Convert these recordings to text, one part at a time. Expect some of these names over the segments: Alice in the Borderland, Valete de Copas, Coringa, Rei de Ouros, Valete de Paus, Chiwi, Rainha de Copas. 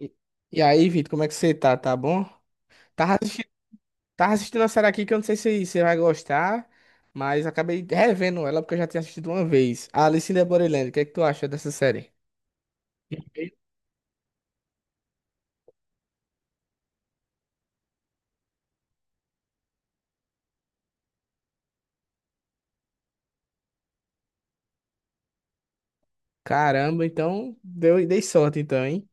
E e aí, Vitor, como é que você tá? Tá bom? Tava assistindo, tava assistindo uma série aqui que eu não sei se você vai gostar, mas acabei revendo ela porque eu já tinha assistido uma vez. A Alice in the Borderland, o que é que tu acha dessa série? Caramba, então dei sorte então, hein?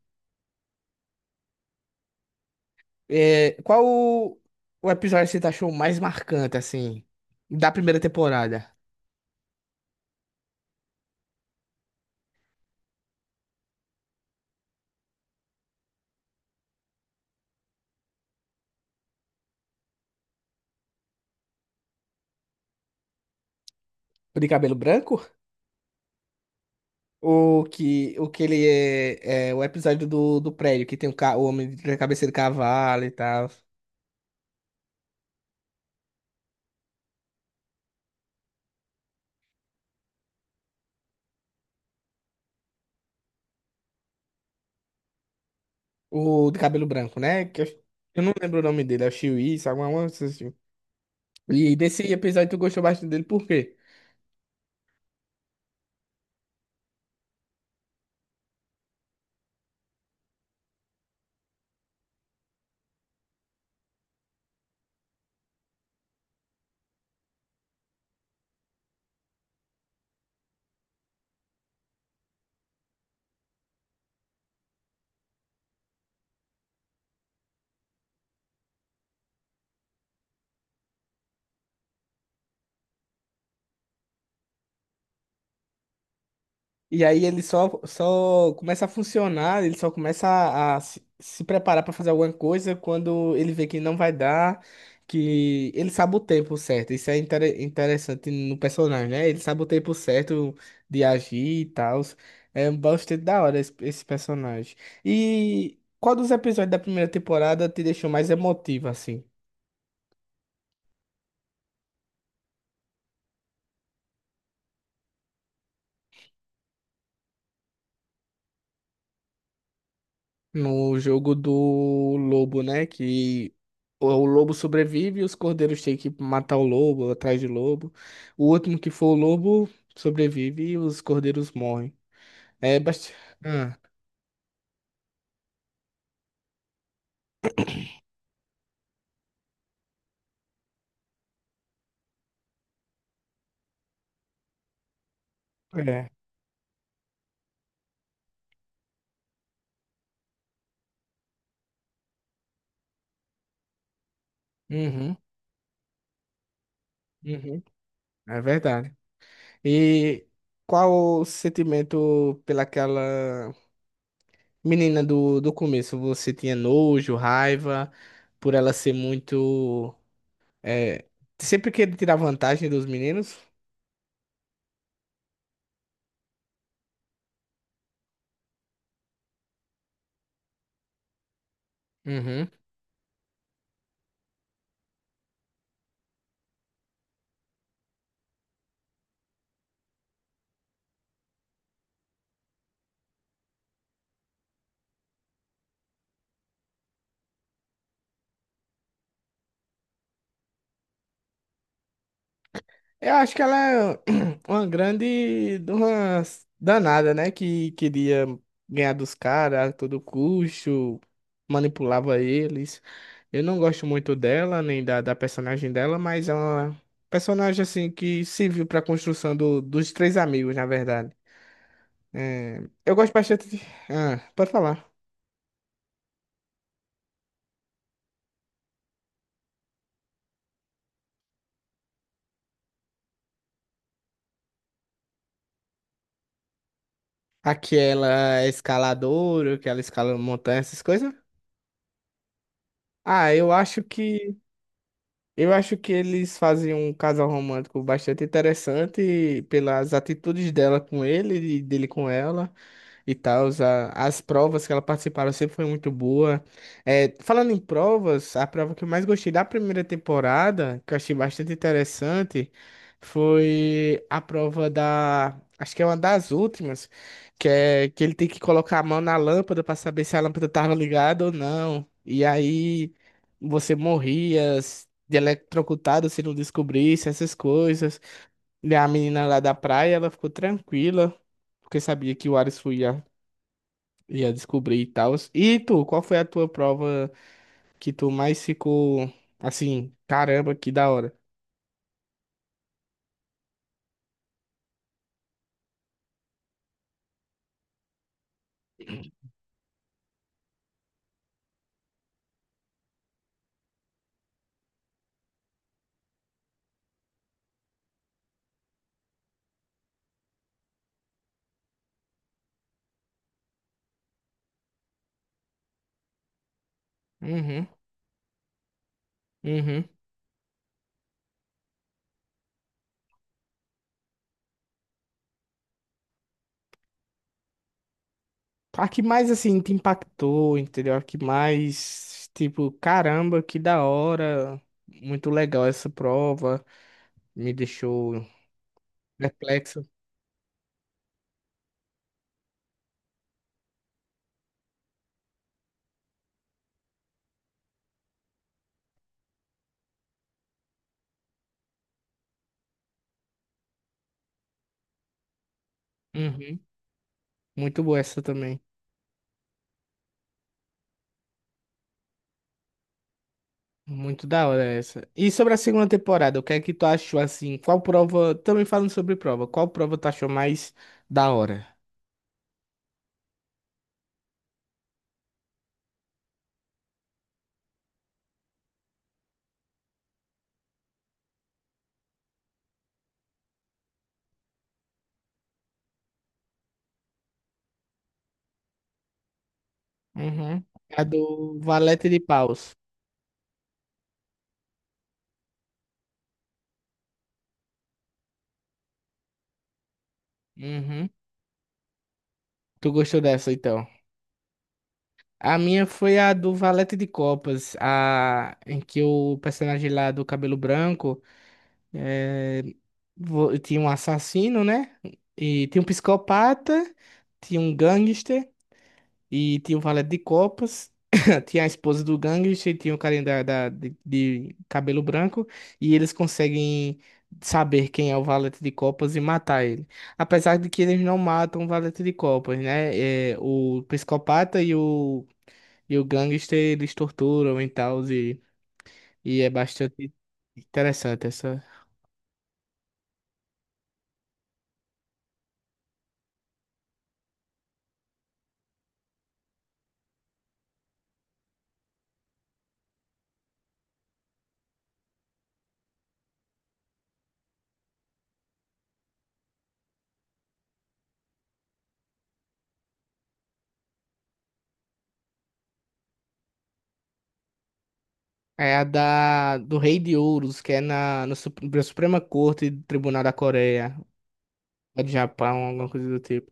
É, o episódio que você achou mais marcante, assim, da primeira temporada? O de cabelo branco? O que ele é, é o episódio do prédio, que tem o homem de cabeça de cavalo e tal. O de cabelo branco, né? Eu não lembro o nome dele, é o Chiwi, sabe? Assim. E nesse episódio tu gostou bastante dele, por quê? E aí ele só começa a funcionar, ele só começa a se preparar pra fazer alguma coisa quando ele vê que não vai dar, que ele sabe o tempo certo. Isso é interessante no personagem, né? Ele sabe o tempo certo de agir e tal. É bastante da hora esse personagem. E qual dos episódios da primeira temporada te deixou mais emotivo, assim? No jogo do lobo, né? Que o lobo sobrevive e os cordeiros têm que matar o lobo, atrás de lobo. O último que for o lobo sobrevive e os cordeiros morrem. É bastante. Ah, é. Uhum, uhum. É verdade. E qual o sentimento pelaquela menina do começo? Você tinha nojo, raiva, por ela ser muito. É... Sempre querer tirar vantagem dos meninos? Uhum. Eu acho que ela é uma grande de uma danada, né? Que queria ganhar dos caras a todo custo, manipulava eles. Eu não gosto muito dela, nem da personagem dela, mas é uma personagem assim que serviu para a construção dos três amigos, na verdade. É, eu gosto bastante de... Ah, pode falar. Aquela escaladora, que ela escala montanha, essas coisas. Ah, eu acho que Eu acho que eles fazem um casal romântico bastante interessante pelas atitudes dela com ele e dele com ela e tal. As provas que ela participaram sempre foi muito boa. É, falando em provas, a prova que eu mais gostei da primeira temporada, que eu achei bastante interessante, foi a prova da. Acho que é uma das últimas, que ele tem que colocar a mão na lâmpada para saber se a lâmpada estava ligada ou não. E aí você morria de eletrocutado se não descobrisse essas coisas. E a menina lá da praia, ela ficou tranquila porque sabia que o Ares fui ia descobrir e tal. E tu, qual foi a tua prova que tu mais ficou assim, caramba, que da hora? Uhum, uhum. A que mais assim te impactou, entendeu? A que mais, tipo, caramba, que da hora. Muito legal essa prova. Me deixou perplexo. Uhum. Muito boa essa também. Muito da hora essa. E sobre a segunda temporada, o que é que tu achou assim? Qual prova, também falando sobre prova, qual prova tu achou mais da hora? Uhum. A do Valete de Paus. Uhum. Tu gostou dessa, então? A minha foi a do Valete de Copas, a... em que o personagem lá do cabelo branco é tinha um assassino, né? E tinha um psicopata, tinha um gangster. E tinha o Valete de Copas, tinha a esposa do gangster, tinha o carinha de cabelo branco, e eles conseguem saber quem é o Valete de Copas e matar ele. Apesar de que eles não matam o Valete de Copas, né? É, o psicopata e o gangster, eles torturam e tal, e é bastante interessante essa. É a do Rei de Ouros, que é no na Suprema Corte do Tribunal da Coreia, do Japão, alguma coisa do tipo.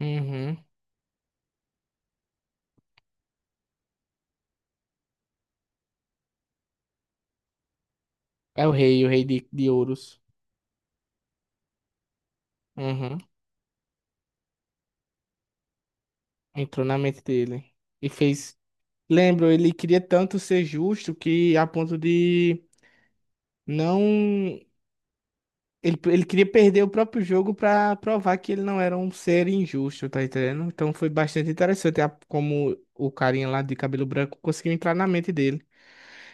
Uhum. O rei de ouros. Uhum. Entrou na mente dele. E fez. Lembro, ele queria tanto ser justo que a ponto de não. Ele queria perder o próprio jogo pra provar que ele não era um ser injusto, tá entendendo? Então foi bastante interessante como o carinha lá de cabelo branco conseguiu entrar na mente dele.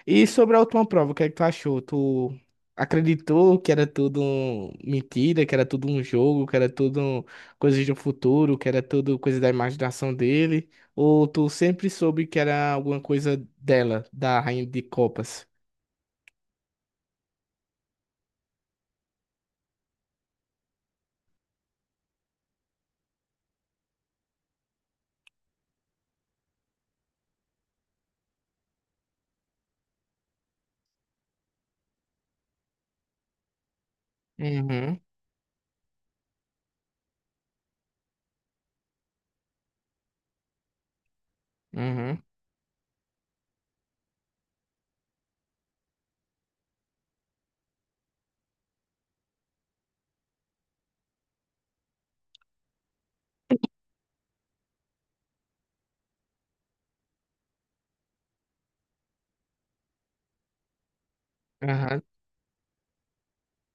E sobre a última prova, o que é que tu achou? Tu acreditou que era tudo mentira, que era tudo um jogo, que era tudo coisas do futuro, que era tudo coisa da imaginação dele? Ou tu sempre soube que era alguma coisa dela, da Rainha de Copas? Uhum, uhum, aham.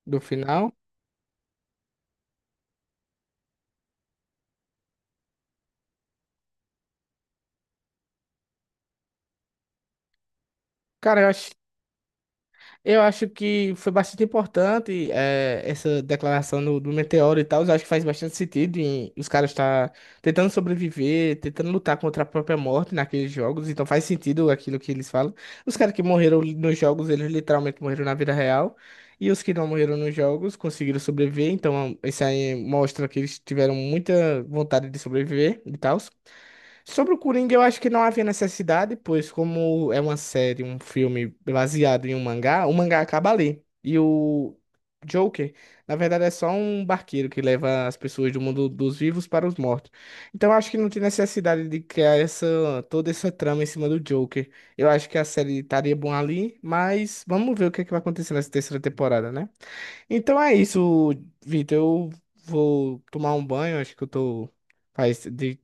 Do final? Cara, eu achei. Eu acho que foi bastante importante essa declaração do meteoro e tal. Eu acho que faz bastante sentido em os caras estar tentando sobreviver, tentando lutar contra a própria morte naqueles jogos. Então faz sentido aquilo que eles falam. Os caras que morreram nos jogos, eles literalmente morreram na vida real. E os que não morreram nos jogos conseguiram sobreviver. Então isso aí mostra que eles tiveram muita vontade de sobreviver e tal. Sobre o Coringa, eu acho que não havia necessidade, pois como é uma série, um filme baseado em um mangá, o mangá acaba ali. E o Joker, na verdade, é só um barqueiro que leva as pessoas do mundo dos vivos para os mortos. Então, eu acho que não tem necessidade de criar essa, toda essa trama em cima do Joker. Eu acho que a série estaria bom ali, mas vamos ver o que é que vai acontecer nessa terceira temporada, né? Então é isso, Vitor. Eu vou tomar um banho. Acho que eu tô. Faz de...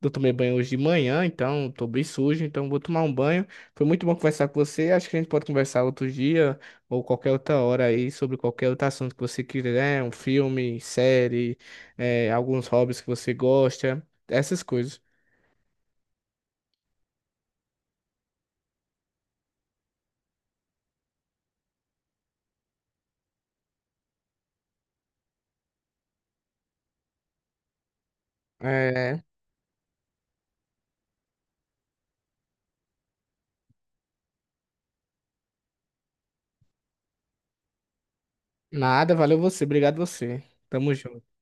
Eu tomei banho hoje de manhã, então tô bem sujo, então vou tomar um banho. Foi muito bom conversar com você. Acho que a gente pode conversar outro dia ou qualquer outra hora aí sobre qualquer outro assunto que você quiser, né? Um filme, série, alguns hobbies que você gosta, essas coisas. É... Nada, valeu você, obrigado você. Tamo junto.